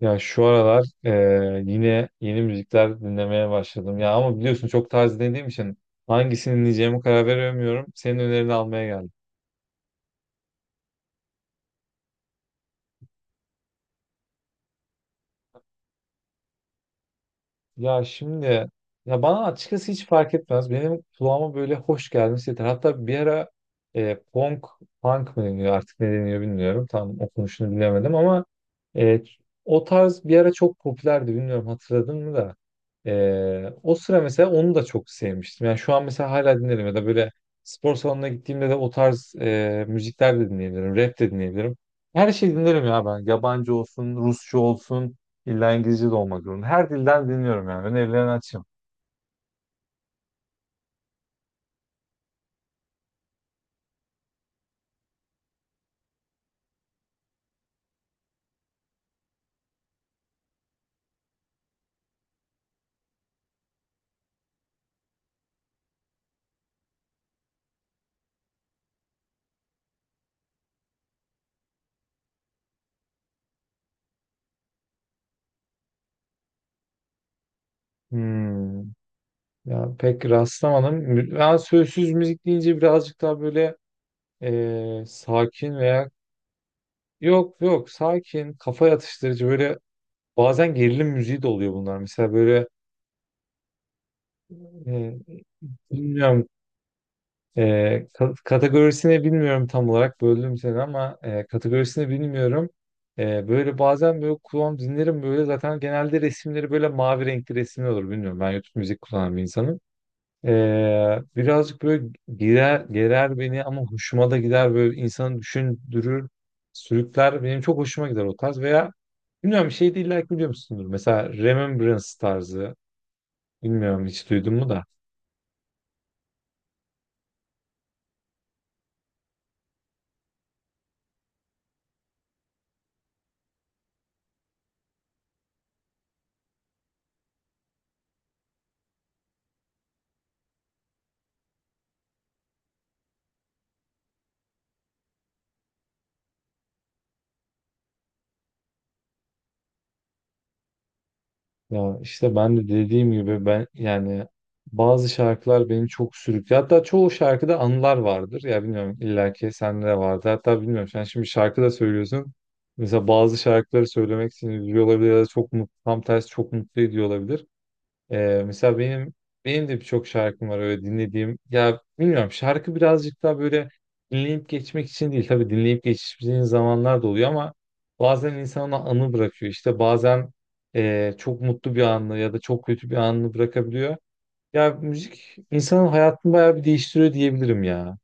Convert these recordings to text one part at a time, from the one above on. Ya şu aralar yine yeni müzikler dinlemeye başladım. Ya ama biliyorsun çok tarz dediğim için hangisini dinleyeceğime karar veremiyorum. Senin önerini almaya geldim. Ya şimdi. Ya bana açıkçası hiç fark etmez. Benim kulağıma böyle hoş gelmesi yeter. Hatta bir ara e, punk, punk mı deniyor artık ne deniyor bilmiyorum. Tam okunuşunu bilemedim ama e, o tarz bir ara çok popülerdi. Bilmiyorum hatırladın mı da. O sıra mesela onu da çok sevmiştim. Yani şu an mesela hala dinlerim ya da böyle spor salonuna gittiğimde de o tarz müzikler de dinleyebilirim. Rap de dinleyebilirim. Her şeyi dinlerim ya ben. Yabancı olsun, Rusça olsun. İlla İngilizce de olmak zorunda. Her dilden dinliyorum yani. Önerilerini açayım. Hmm. Ya pek rastlamadım. Ben sözsüz müzik deyince birazcık daha böyle sakin veya yok yok sakin, kafa yatıştırıcı. Böyle bazen gerilim müziği de oluyor bunlar. Mesela böyle eee, bilmiyorum, kategorisini bilmiyorum tam olarak, böldüm seni ama kategorisini bilmiyorum. Böyle bazen böyle kulağım, dinlerim böyle, zaten genelde resimleri böyle mavi renkli resimler olur, bilmiyorum, ben YouTube müzik kullanan bir insanım. Birazcık böyle girer, gerer beni ama hoşuma da gider, böyle insanı düşündürür, sürükler. Benim çok hoşuma gider o tarz. Veya bilmiyorum, bir şey değil, like biliyor musundur? Mesela Remembrance tarzı, bilmiyorum hiç duydun mu da. Ya işte ben de dediğim gibi, ben yani bazı şarkılar beni çok sürüklüyor. Hatta çoğu şarkıda anılar vardır. Ya bilmiyorum, illaki sende de vardı. Hatta bilmiyorum, sen şimdi şarkı da söylüyorsun. Mesela bazı şarkıları söylemek seni üzüyor olabilir ya da çok mutlu, tam tersi çok mutlu ediyor olabilir. Mesela benim de birçok şarkım var öyle dinlediğim. Ya bilmiyorum, şarkı birazcık daha böyle dinleyip geçmek için değil. Tabii dinleyip geçtiğin zamanlar da oluyor ama bazen insan ona anı bırakıyor. İşte bazen çok mutlu bir anını ya da çok kötü bir anını bırakabiliyor. Ya müzik insanın hayatını bayağı bir değiştiriyor diyebilirim ya.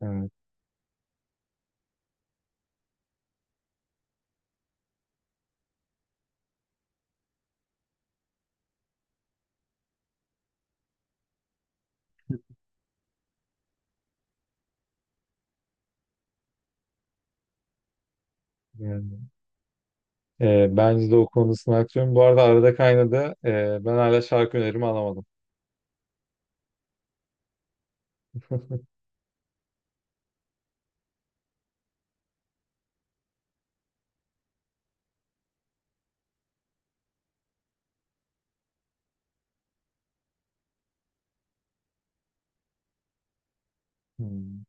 Evet, yani, bence de o konusunu haklıyorum. Bu arada arada kaynadı. Ben hala şarkı önerimi alamadım. Hmm.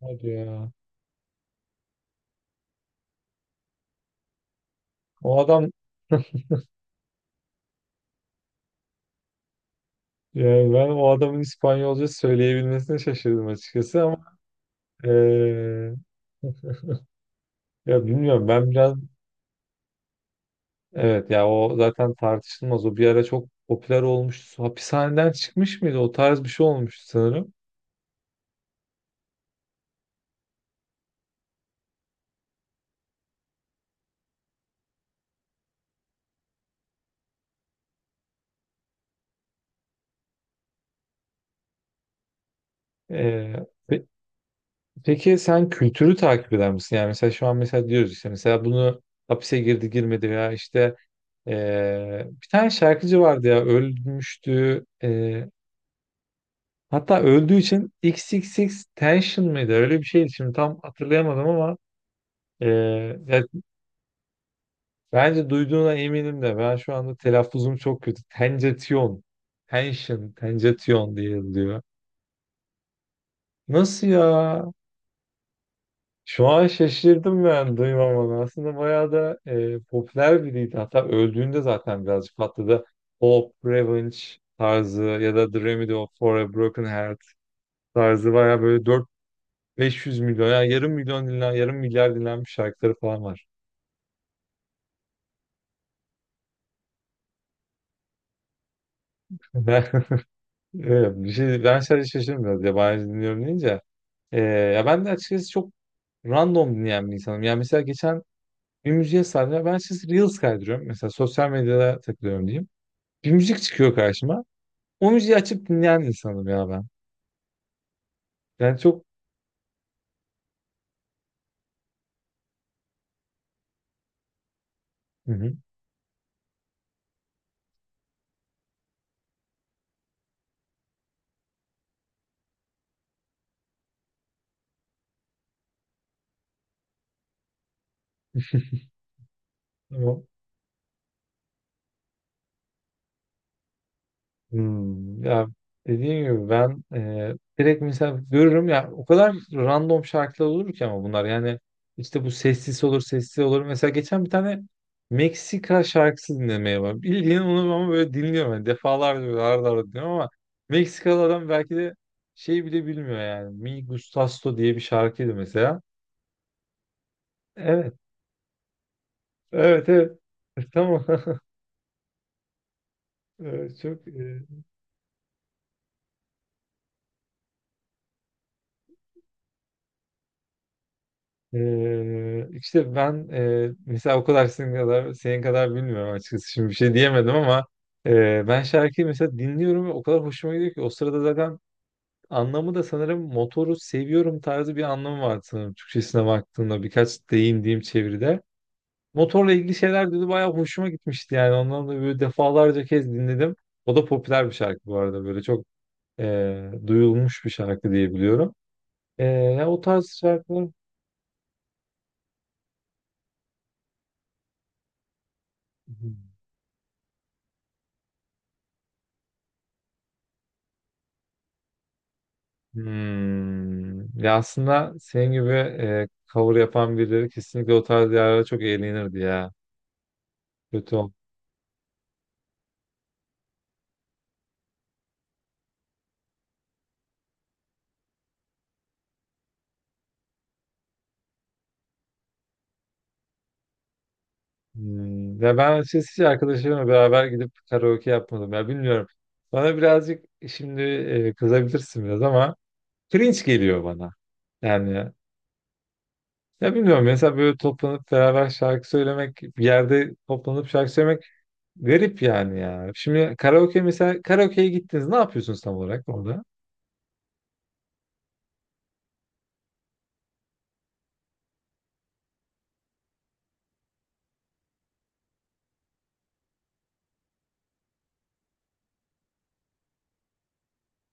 Hadi ya. O adam. Yani ben o adamın İspanyolca söyleyebilmesine şaşırdım açıkçası ama eee, ya bilmiyorum, ben biraz. Evet ya, o zaten tartışılmaz, o bir ara çok popüler olmuştu. Hapishaneden çıkmış mıydı, o tarz bir şey olmuştu sanırım. Eee, pe- peki sen kültürü takip eder misin? Yani mesela şu an mesela diyoruz işte, mesela bunu hapise girdi girmedi veya işte bir tane şarkıcı vardı ya, ölmüştü. Hatta öldüğü için, x x x Tension mıydı? Öyle bir şeydi. Şimdi tam hatırlayamadım ama e, ya bence duyduğuna eminim de, ben şu anda telaffuzum çok kötü. Tenjetion. Tension. Tenjetion diye yazılıyor. Nasıl ya? Şu an şaşırdım ben duymamana. Aslında bayağı da popüler biriydi. Hatta öldüğünde zaten birazcık patladı. Hope, Revenge tarzı ya da The Remedy of for a Broken Heart tarzı, bayağı böyle 500 milyon, yani yarım milyon dinlen, yarım milyar dinlenmiş şarkıları falan var. Ben, evet, bir şey, ben sadece şaşırdım biraz, yabancı dinliyorum deyince. Ya ben de açıkçası çok random dinleyen bir insanım. Yani mesela geçen bir müziğe sardım. Ben açıkçası Reels kaydırıyorum. Mesela sosyal medyada takılıyorum diyeyim. Bir müzik çıkıyor karşıma. O müziği açıp dinleyen insanım ya ben. Yani çok... Hı hı. Tamam. Hmm, ya dediğim gibi, ben direkt mesela görürüm ya, o kadar random şarkılar olur ki, ama bunlar yani işte bu sessiz olur sessiz olur, mesela geçen bir tane Meksika şarkısı dinlemeye var bildiğin onu, ama böyle dinliyorum yani, defalarca böyle arada arada dinliyorum. Ama Meksikalı adam belki de şey bile bilmiyor yani, Mi Gustasto diye bir şarkıydı mesela. Evet, evet, evet. Tamam. Evet, çok işte ben, mesela o kadar, senin kadar bilmiyorum açıkçası, şimdi bir şey diyemedim ama ben şarkıyı mesela dinliyorum ve o kadar hoşuma gidiyor ki, o sırada zaten anlamı da sanırım motoru seviyorum tarzı bir anlamı var sanırım, Türkçesine baktığımda birkaç deyim diyeyim çeviride. Motorla ilgili şeyler dedi, bayağı hoşuma gitmişti yani, ondan da böyle defalarca kez dinledim. O da popüler bir şarkı bu arada, böyle çok duyulmuş bir şarkı diye biliyorum. E, Ya o tarz şarkılar. Hmm. Ya aslında senin gibi cover yapan birileri kesinlikle o tarz yerlere çok eğlenirdi ya. Kötü ol. Hmm. Ya ben açıkçası hiç arkadaşlarımla beraber gidip karaoke yapmadım ya, bilmiyorum. Bana birazcık şimdi kızabilirsin biraz ama cringe geliyor bana. Yani ya bilmiyorum, mesela böyle toplanıp beraber şarkı söylemek, bir yerde toplanıp şarkı söylemek garip yani ya. Şimdi karaoke, mesela karaoke'ye gittiniz, ne yapıyorsunuz tam olarak orada?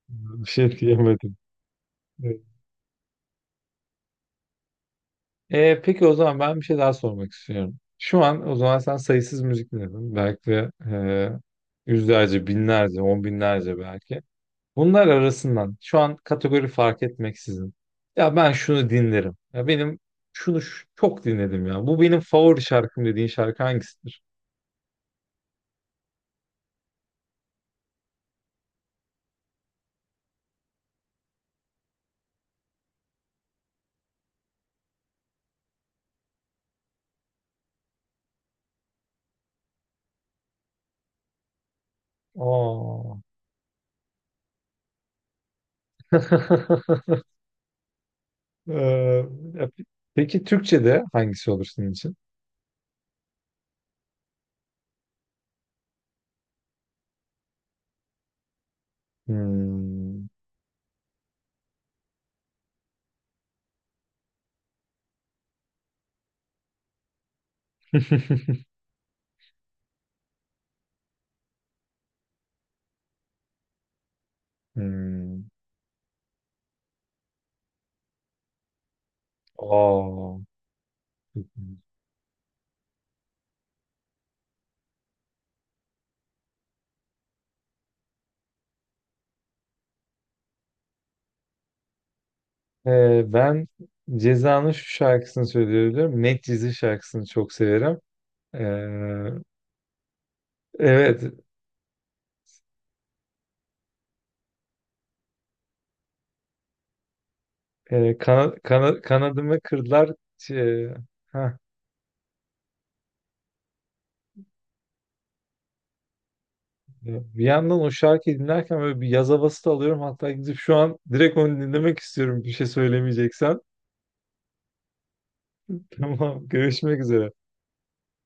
Bir şey diyemedim. Peki o zaman ben bir şey daha sormak istiyorum. Şu an o zaman sen sayısız müzik dinledin. Belki de yüzlerce, binlerce, on binlerce belki. Bunlar arasından şu an kategori fark etmeksizin. Ya ben şunu dinlerim. Ya benim şunu çok dinledim ya. Bu benim favori şarkım dediğin şarkı hangisidir? Aa. Ya peki Türkçe'de hangisi olur senin için? Hmm. Hmm. Aa. Ben Ceza'nın şu şarkısını söylüyorum. Medcezir şarkısını çok severim. Ee, evet. Kanadımı kırdılar. Ç- e, Heh. Bir yandan o şarkıyı dinlerken böyle bir yaz havası da alıyorum. Hatta gidip şu an direkt onu dinlemek istiyorum, bir şey söylemeyeceksen. Tamam. Görüşmek üzere.